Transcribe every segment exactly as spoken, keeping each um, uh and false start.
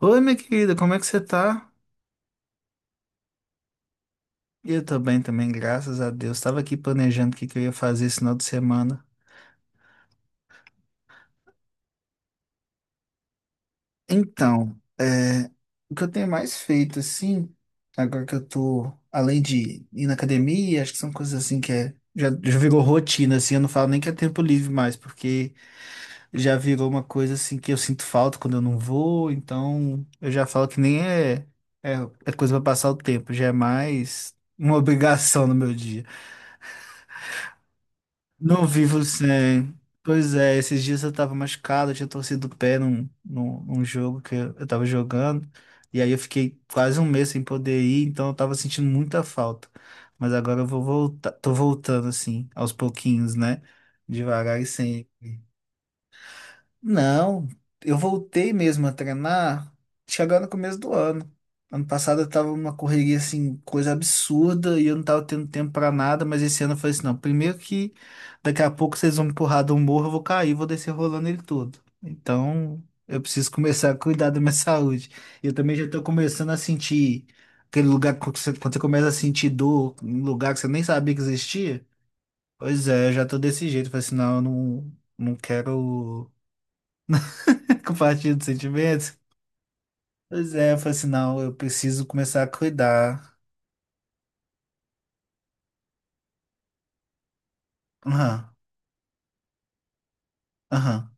Oi, minha querida, como é que você tá? Eu tô bem também, graças a Deus. Tava aqui planejando o que que eu ia fazer esse final de semana. Então, é, o que eu tenho mais feito, assim, agora que eu tô, além de ir na academia, acho que são coisas assim que é, já, já virou rotina, assim, eu não falo nem que é tempo livre mais, porque já virou uma coisa, assim, que eu sinto falta quando eu não vou, então eu já falo que nem é, é, é coisa pra passar o tempo, já é mais uma obrigação no meu dia. Não vi você. Pois é, esses dias eu tava machucado, eu tinha torcido o pé num, num, num jogo que eu eu tava jogando. E aí eu fiquei quase um mês sem poder ir, então eu tava sentindo muita falta. Mas agora eu vou voltar, tô voltando assim, aos pouquinhos, né? Devagar e sem. Não, eu voltei mesmo a treinar chegando no começo do ano. Ano passado eu tava numa correria assim, coisa absurda, e eu não tava tendo tempo pra nada, mas esse ano eu falei assim, não, primeiro que daqui a pouco vocês vão me empurrar de um morro, eu vou cair, vou descer rolando ele todo. Então, eu preciso começar a cuidar da minha saúde. E Eu também já tô começando a sentir aquele lugar que você- quando você começa a sentir dor, um lugar que você nem sabia que existia. Pois é, eu já tô desse jeito, falei assim, não, eu não, não quero. Compartilho de sentimentos? Pois é, eu falei assim, não, eu preciso começar a cuidar. Aham, aham.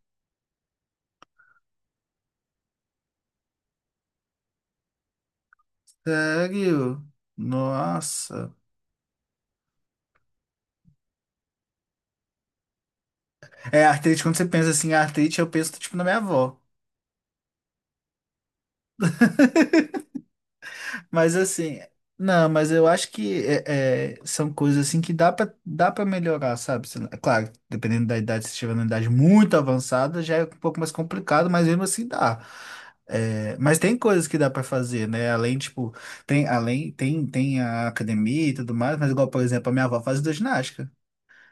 Sério? Nossa. É, artrite, quando você pensa assim, artrite, eu penso, tipo, na minha avó. Mas assim, não, mas eu acho que é, é, são coisas assim que dá pra dá para melhorar, sabe? Se- é Claro, dependendo da idade, se estiver numa idade muito avançada, já é um pouco mais complicado, mas mesmo assim dá. É, mas tem coisas que dá pra fazer, né? Além, tipo, tem, além, tem, tem a academia e tudo mais, mas igual, por exemplo, a minha avó faz hidroginástica.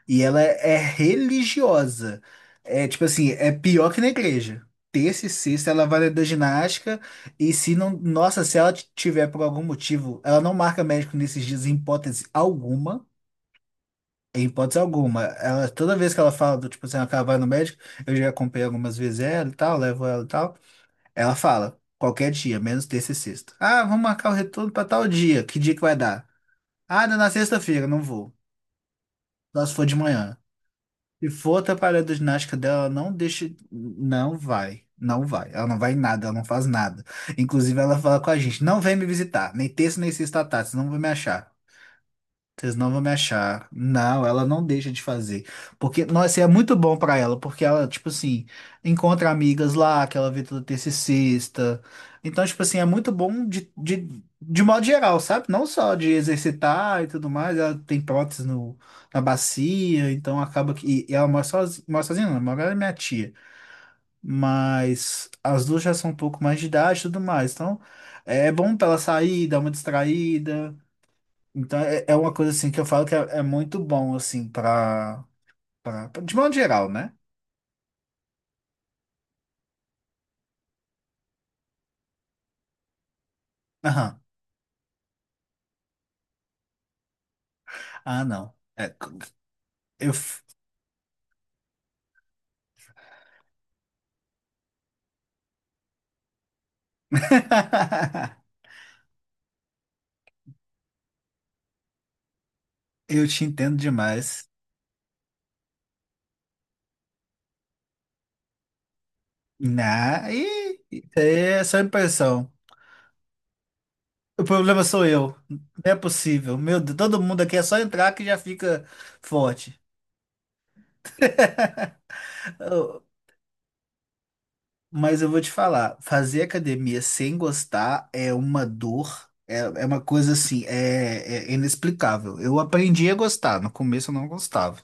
E ela é religiosa. É tipo assim, é pior que na igreja. Terça e sexta ela vai da ginástica e se não, nossa, se ela t- tiver por algum motivo, ela não marca médico nesses dias em hipótese alguma, em hipótese alguma. Ela toda vez que ela fala do tipo assim, ela quer- vai no médico, eu já acompanhei algumas vezes ela e tal, levo ela e tal. Ela fala qualquer dia, menos terça e sexta. Ah, vamos marcar o retorno para tal dia. Que dia que vai dar? Ah, dá na sexta-feira, não vou. Só se for de manhã. Se for atrapalhar a ginástica dela, ela não deixa. Não vai. Não vai. Ela não vai em nada, ela não faz nada. Inclusive, ela fala com a gente: não vem me visitar, nem terça, nem sexta à tarde, senão não vai me achar. Vocês não vão me achar. Não, ela não deixa de fazer. Porque, nossa, é muito bom pra ela, porque ela, tipo assim, encontra amigas lá, que ela vê toda terça e sexta. Então, tipo assim, é muito bom de, de, de modo geral, sabe? Não só de exercitar e tudo mais, ela tem prótese no, na bacia, então acaba que. E ela mora sozinha, mora sozinha, não, mora ela e minha tia. Mas as duas já são um pouco mais de idade e tudo mais. Então, é bom pra ela sair, dar uma distraída. Então é, é uma coisa assim que eu falo que é, é muito bom assim para para de modo geral, né? Aham. Ah, não. É, c- eu f- eu te entendo demais. Na e isso aí é só impressão. O problema sou eu. Não é possível. Meu Deus, todo mundo aqui é só entrar que já fica forte. Mas eu vou te falar, fazer academia sem gostar é uma dor, é, é uma coisa assim, é, é inexplicável. Eu aprendi a gostar, no começo eu não gostava.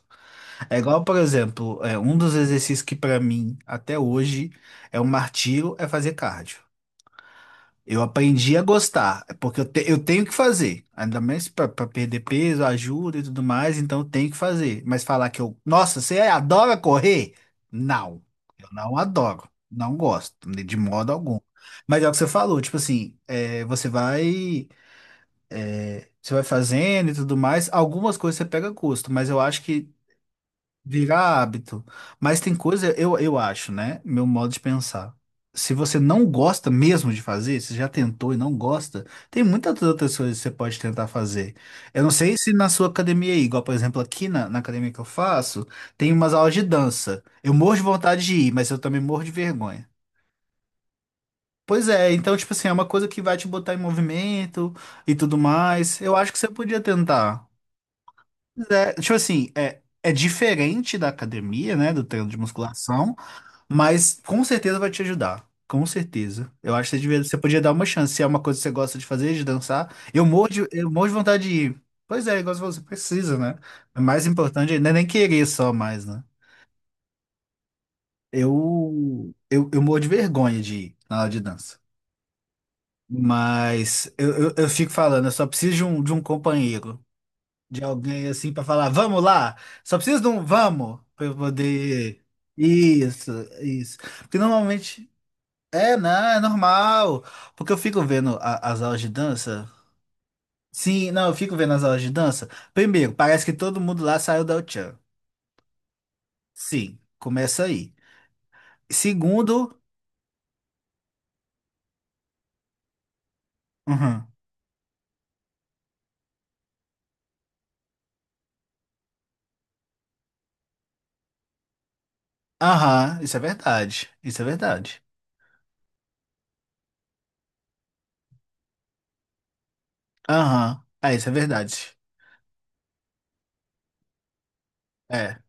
É igual, por exemplo, é, um dos exercícios que pra mim, até hoje, é um martírio, é fazer cardio. Eu aprendi a gostar, porque eu, te- eu tenho que fazer, ainda mais para perder peso, ajuda e tudo mais, então eu tenho que fazer. Mas falar que eu, nossa, você adora correr? Não, eu não adoro, não gosto, de de modo algum. Mas é o que você falou, tipo assim, é, você vai, você vai fazendo e tudo mais, algumas coisas você pega gosto, mas eu acho que virar hábito. Mas tem coisa, eu, eu acho, né? Meu modo de pensar. Se você não gosta mesmo de fazer, se já tentou e não gosta, tem muitas outras coisas que você pode tentar fazer. Eu não sei se na sua academia aí, igual por exemplo aqui na, na academia que eu faço, tem umas aulas de dança. Eu morro de vontade de ir, mas eu também morro de vergonha. Pois é, então, tipo assim, é uma coisa que vai te botar em movimento e tudo mais. Eu acho que você podia tentar. É, tipo assim, é, é diferente da academia, né? Do treino de musculação. Mas com certeza vai te ajudar. Com certeza. Eu acho que você devia- você podia dar uma chance. Se é uma coisa que você gosta de fazer, de dançar. Eu morro de, eu morro de vontade de ir. Pois é, igual você falou, você precisa, né? O mais importante não é nem querer só mais, né? Eu, eu, eu morro de vergonha de ir na aula de dança. Mas eu, eu, eu fico falando, eu só preciso de um, de um companheiro, de alguém assim pra falar, vamos lá! Só preciso de um vamos pra eu poder. Isso, isso. Porque normalmente. É, não, é normal. Porque eu fico vendo a- as aulas de dança. Sim, não, eu fico vendo as aulas de dança. Primeiro, parece que todo mundo lá saiu da Uchan. Sim, começa aí. Segundo. Uhum. Aham, isso é verdade. Isso é verdade. Aham, é, isso é verdade. É,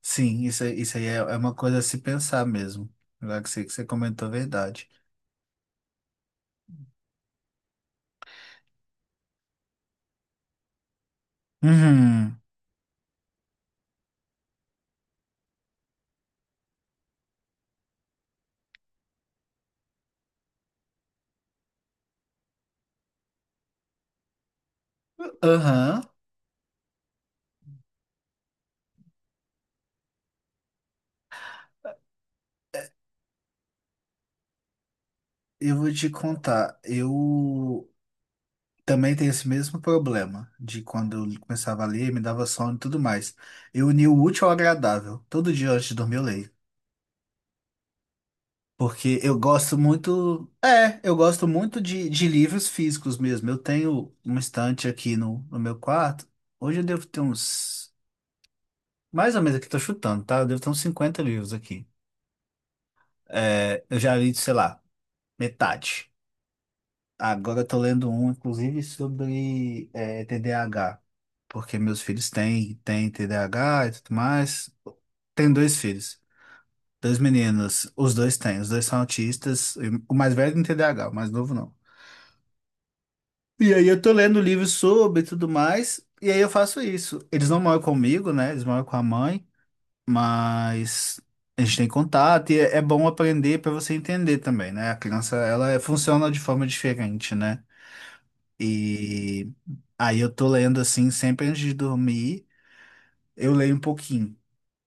sim, isso, aí- isso aí é, é uma coisa a se pensar mesmo. Agora que você, que você comentou a verdade. Uhum. Aham, eu vou te contar. Eu. Também tem esse mesmo problema de quando eu começava a ler, me dava sono e tudo mais. Eu uni o útil ao agradável. Todo dia antes de dormir eu leio. Porque eu gosto muito. É, eu gosto muito de, de livros físicos mesmo. Eu tenho uma estante aqui no, no meu quarto. Hoje eu devo ter uns. Mais ou menos aqui, tô chutando, tá? Eu devo ter uns cinquenta livros aqui. É, eu já li, sei lá, metade. Agora eu tô lendo um, inclusive, sobre é, T D A H. Porque meus filhos têm, têm T D A H e tudo mais. Tenho dois filhos, dois meninos, os dois têm, os dois são autistas, e o mais velho tem T D A H, o mais novo não. E aí eu tô lendo livros sobre e tudo mais, e aí eu faço isso. Eles não moram comigo, né? Eles moram com a mãe, mas a gente tem contato e é é bom aprender para você entender também, né? A criança, ela é- funciona de forma diferente, né? E aí eu tô lendo assim, sempre antes de dormir, eu leio um pouquinho.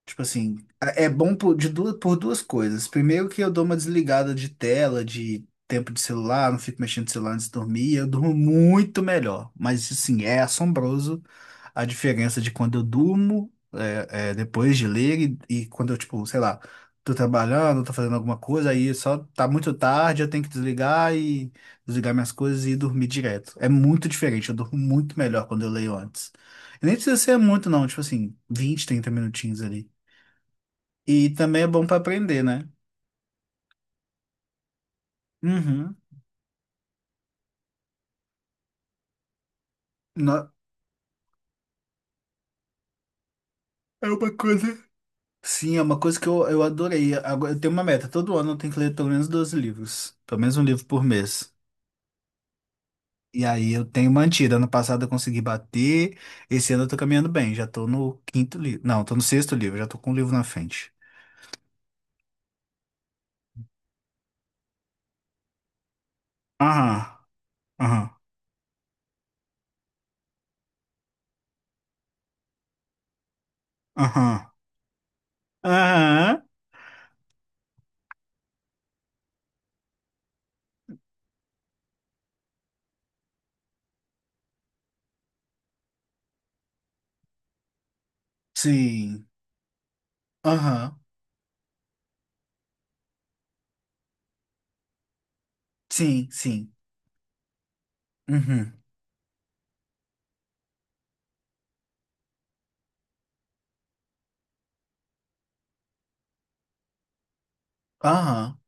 Tipo assim, é é bom por, de duas, por duas coisas. Primeiro que eu dou uma desligada de tela, de tempo de celular, não fico mexendo no celular antes de dormir, eu durmo muito melhor. Mas assim, é assombroso a diferença de quando eu durmo é, é, depois de ler e, e quando eu, tipo, sei lá, tô trabalhando, tô fazendo alguma coisa, aí só tá muito tarde, eu tenho que desligar e desligar minhas coisas e dormir direto. É muito diferente, eu durmo muito melhor quando eu leio antes. E nem precisa ser muito, não, tipo assim, vinte trinta minutinhos ali. E também é bom pra aprender, né? Uhum. No- É uma coisa. Sim, é uma coisa que eu, eu adorei. Agora, eu tenho uma meta. Todo ano eu tenho que ler pelo menos doze livros. Pelo menos um livro por mês. E aí eu tenho mantido. Ano passado eu consegui bater. Esse ano eu tô caminhando bem. Já tô no quinto livro. Não, tô no sexto livro. Já tô com um livro na frente. Aham, aham, aham. Aham. Sim. Aham. Sim, sim. Uhum. Aham.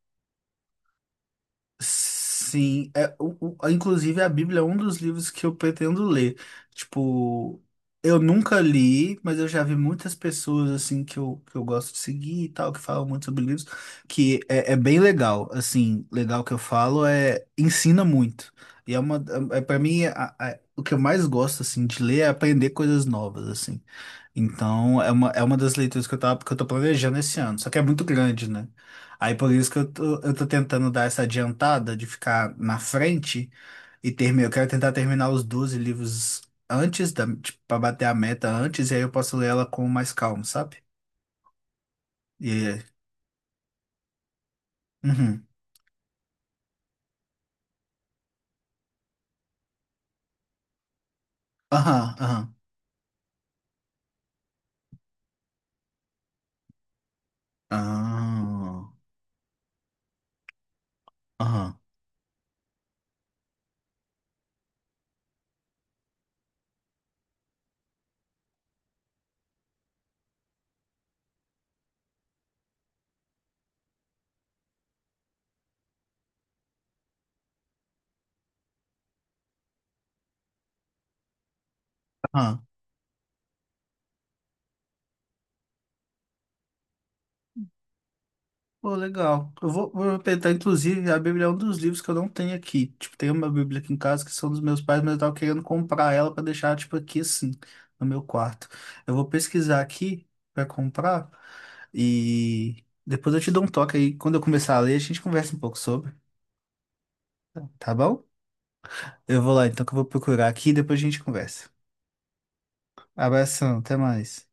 Sim, é, o, o- inclusive a Bíblia é um dos livros que eu pretendo ler. Tipo, eu nunca li, mas eu já vi muitas pessoas assim que eu, que eu gosto de seguir e tal, que falam muito sobre livros, que é, é bem legal. Assim, legal que eu falo é ensina muito. E é uma, é, para mim, a- a- o que eu mais gosto assim de ler é aprender coisas novas, assim. Então, é uma, é uma das leituras que eu tava, que eu tô planejando esse ano, só que é muito grande, né? Aí por isso que eu tô, eu tô tentando dar essa adiantada de ficar na frente e terminar. Eu quero tentar terminar os doze livros antes da, tipo, pra bater a meta antes, e aí eu posso ler ela com mais calma, sabe? E aí. Uhum. Aham, aham. Ah, Aham. Aham. Pô, legal. Eu vou, vou tentar, inclusive, a Bíblia é um dos livros que eu não tenho aqui. Tipo, tem uma Bíblia aqui em casa que são dos meus pais, mas eu tava querendo comprar ela pra deixar, tipo, aqui assim, no meu quarto. Eu vou pesquisar aqui pra comprar e depois eu te dou um toque aí. Quando eu começar a ler, a gente conversa um pouco sobre, tá bom? Eu vou lá então, que eu vou procurar aqui e depois a gente conversa. Abração, até mais.